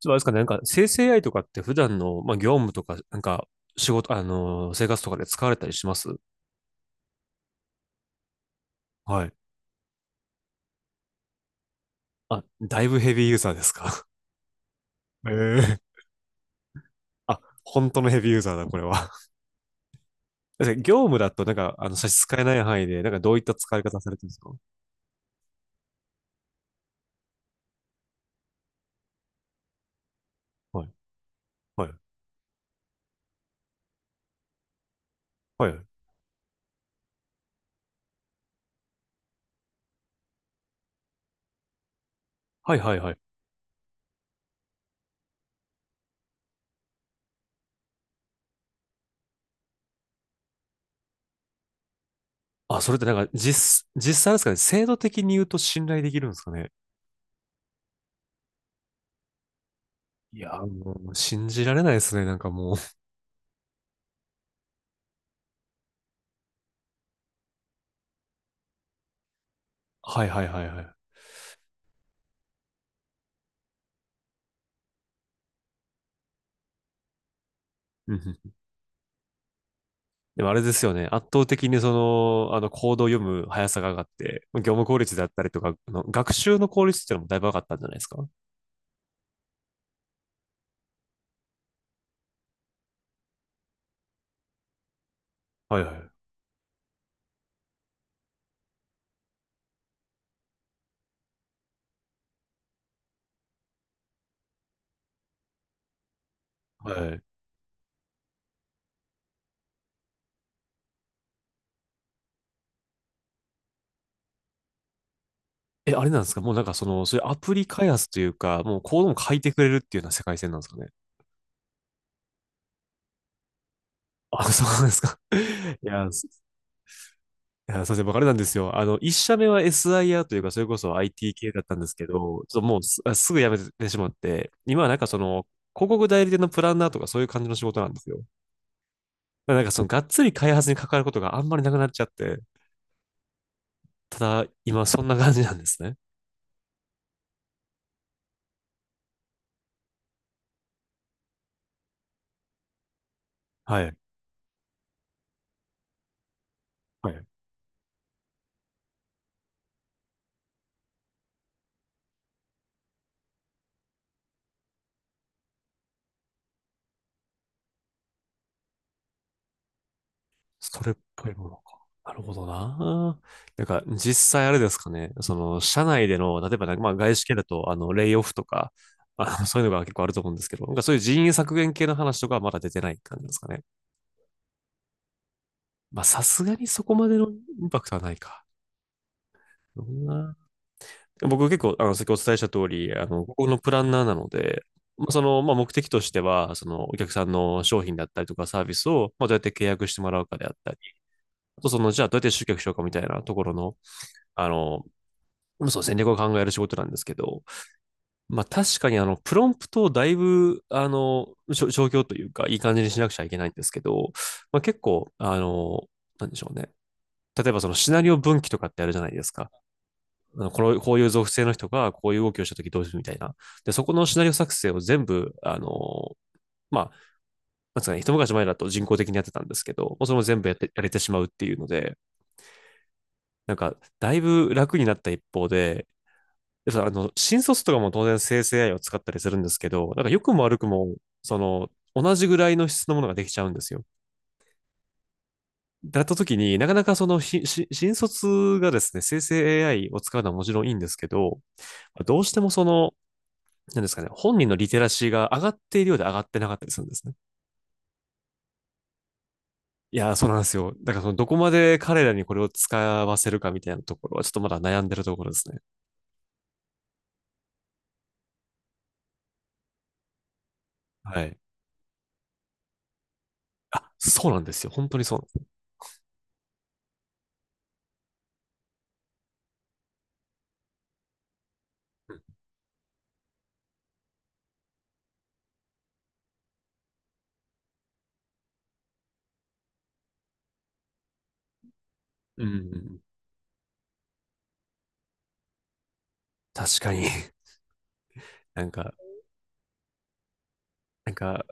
そうですかね。なんか生成 AI とかって普段の、まあ、業務とか、なんか仕事、生活とかで使われたりしますはい。あ、だいぶヘビーユーザーですか？ ええ。あ、本当のヘビーユーザーだ、これは。だって業務だと、なんか、あの、差し支えない範囲で、なんかどういった使い方されてるんですか？はい、はい、はい、はい、はいはい。あ、それってなんか、実際ですかね、制度的に言うと信頼できるんですかね。いやー、もう、信じられないですね、なんかもう。はい、はい、はい、はい。うんうん。でもあれですよね。圧倒的にその、あの、コードを読む速さが上がって、業務効率であったりとか、あの学習の効率っていうのもだいぶ上がったんじゃないですか。はいはい。はい。え、あれなんですか、もうなんかその、そういうアプリ開発というか、もうコードも書いてくれるっていうような世界線なんですかね。あ、そうなんですか。いや、すいや、すいません、僕あれなんですよ。あの、一社目は SIR というか、それこそ IT 系だったんですけど、ちょっともうすぐ辞めてしまって、今はなんかその、広告代理店のプランナーとかそういう感じの仕事なんですよ。なんかそのがっつり開発に関わることがあんまりなくなっちゃって、ただ今そんな感じなんですね。はい。はい。それっぽいものか。なるほどな。なんか実際あれですかね、その社内での、例えばなんかまあ外資系だと、あの、レイオフとか、あの、そういうのが結構あると思うんですけど、なんかそういう人員削減系の話とかはまだ出てない感じですかね。まあさすがにそこまでのインパクトはないか。どんな。僕結構、あの、先お伝えした通り、あの、ここのプランナーなので、まあその、まあ、目的としては、その、お客さんの商品だったりとかサービスを、まあ、どうやって契約してもらうかであったり、あとその、じゃあどうやって集客しようかみたいなところの、あの、そう、戦略を考える仕事なんですけど、まあ、確かに、あの、プロンプトをだいぶ、あの、消去というか、いい感じにしなくちゃいけないんですけど、まあ、結構、あの、なんでしょうね。例えばそのシナリオ分岐とかってあるじゃないですか。あのこの、こういう属性の人がこういう動きをしたときどうするみたいな。で、そこのシナリオ作成を全部、あの、まあ、なんつうかね、一昔前だと人工的にやってたんですけど、もうそれも全部やって、やれてしまうっていうので、なんか、だいぶ楽になった一方で、でさあの、新卒とかも当然生成 AI を使ったりするんですけど、なんか良くも悪くも、その、同じぐらいの質のものができちゃうんですよ。だったときになかなかその新卒がですね、生成 AI を使うのはもちろんいいんですけど、どうしてもその、なんですかね、本人のリテラシーが上がっているようで上がってなかったりするんですね。いやー、そうなんですよ。だからその、どこまで彼らにこれを使わせるかみたいなところは、ちょっとまだ悩んでるところですね。はい。あ、そうなんですよ。本当にそうなんです。うんうんうん。確かに。なんか、なんか、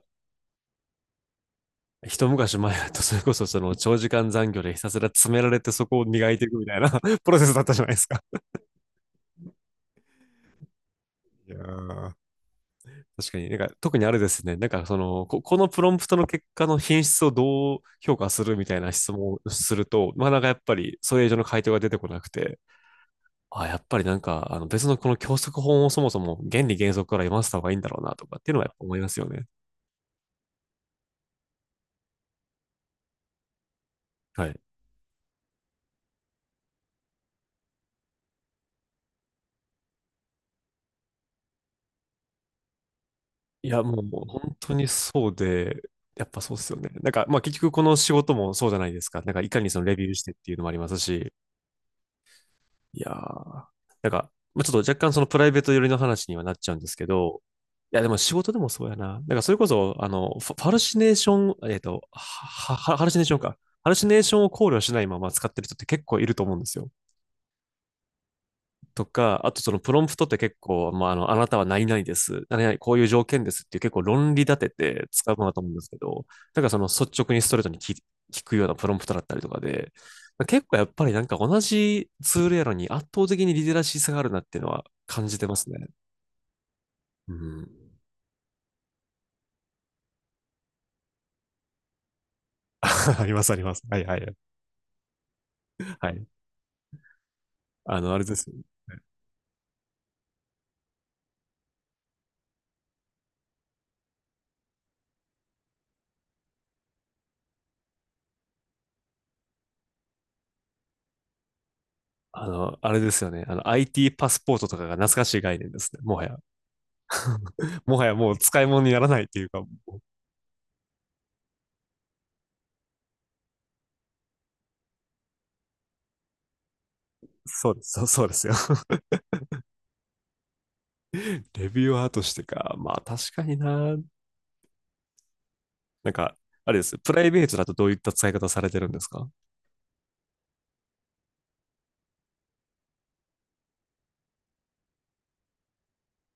一昔前だと、それこそその長時間残業でひたすら詰められてそこを磨いていくみたいな プロセスだったじゃないですか。いやー、確かに。なんか、特にあれですね。なんか、その、こ、このプロンプトの結果の品質をどう評価するみたいな質問をすると、まあ、なんかやっぱり、それ以上の回答が出てこなくて、あ、やっぱりなんか、あの、別のこの教則本をそもそも原理原則から読ませた方がいいんだろうなとかっていうのはやっぱ思いますよね。はい。いや、もう、もう本当にそうで、やっぱそうですよね。なんか、まあ、結局この仕事もそうじゃないですか。なんか、いかにそのレビューしてっていうのもありますし、いやー、なんか、まあ、ちょっと若干そのプライベート寄りの話にはなっちゃうんですけど、いや、でも仕事でもそうやな。なんかそれこそ、あの、ファファルシネーション、ははハルシネーションか。ハルシネーションを考慮しないまま使ってる人って結構いると思うんですよ。とか、あとそのプロンプトって結構、まあ、あの、あなたは何々です、何々、こういう条件ですっていう結構論理立てて使うものだと思うんですけど、だからその率直にストレートに聞くようなプロンプトだったりとかで、結構やっぱりなんか同じツールやのに圧倒的にリテラシー差があるなっていうのは感じてますね。うん。ありますあります。はいはい。はい。あの、あれですよ。あの、あれですよね。あの、IT パスポートとかが懐かしい概念ですね。もはや。もはやもう使い物にならないっていうか、そうです。そうそうですよ。レビューアーとしてか。まあ確かにな。なんか、あれです。プライベートだとどういった使い方されてるんですか？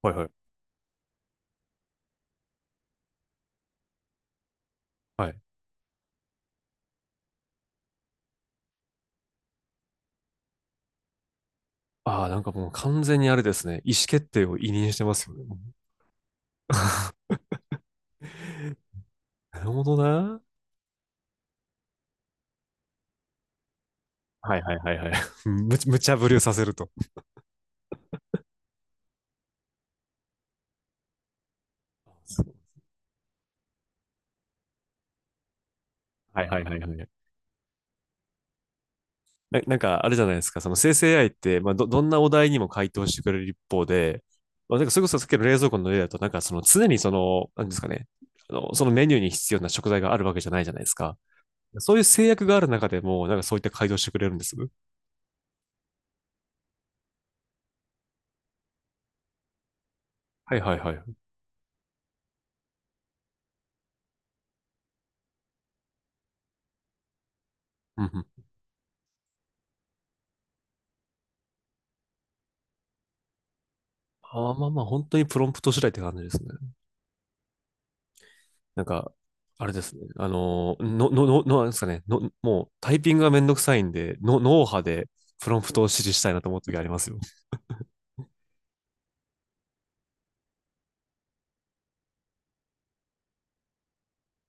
はいはい。はい。ああ、なんかもう完全にあれですね。意思決定を委任してますよね。もう。 なるほどな。はいはいはいはい。無茶ぶりをさせると。そう、はいはいはいはい。なんかあれじゃないですか。その生成 AI って、まあどんなお題にも回答してくれる一方で、まあ、なんかそれこそさっきの冷蔵庫の例だと、なんかその常にその、なんですかね。あの、そのメニューに必要な食材があるわけじゃないじゃないですか。そういう制約がある中でも、なんかそういった改造してくれるんです。はいはいはい。うんうん、あーまあまあ、本当にプロンプト次第って感じですね。なんか、あれですね。あのー、の、の、の、のなんですかね。の、もうタイピングがめんどくさいんで、の、脳波でプロンプトを指示したいなと思う時ありますよ。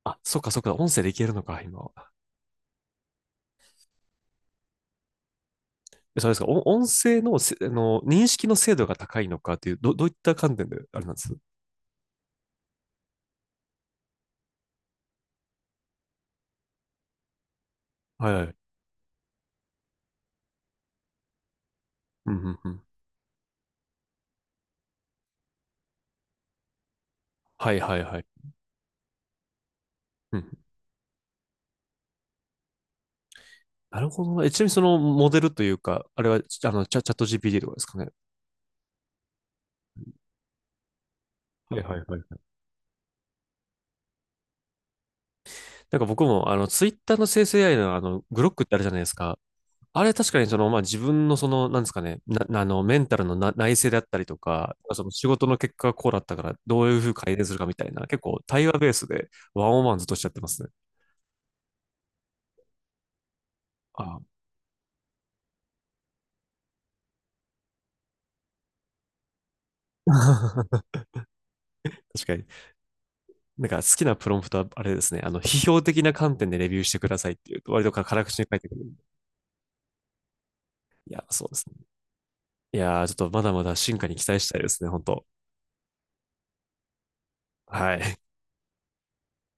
あ、そっかそっか、音声でいけるのか、今は。えそうですか、お音声のせ、あの、認識の精度が高いのかっていう、どういった観点であれなんです、はいはい。うんうんうん。はいはいはい。うんうん。なるほどねえ、ちなみにそのモデルというか、あれは、あの、チャット GPT とかですかね。はいはいはいはい。なんか僕も、あの、ツイッターの生成 AI の、あの、グロックってあるじゃないですか。あれ確かにその、まあ、自分のその、なんですかね、な、あの、メンタルのな内省であったりとか、その仕事の結果がこうだったから、どういうふうに改善するかみたいな、結構対話ベースでワンオンワンずっとしちゃってますね。ああ、確かに。なんか好きなプロンプトはあれですね、あの、批評的な観点でレビューしてくださいっていうと、割と辛口に書いてくるんで。いや、そうですね。いやー、ちょっとまだまだ進化に期待したいですね、本当。はい。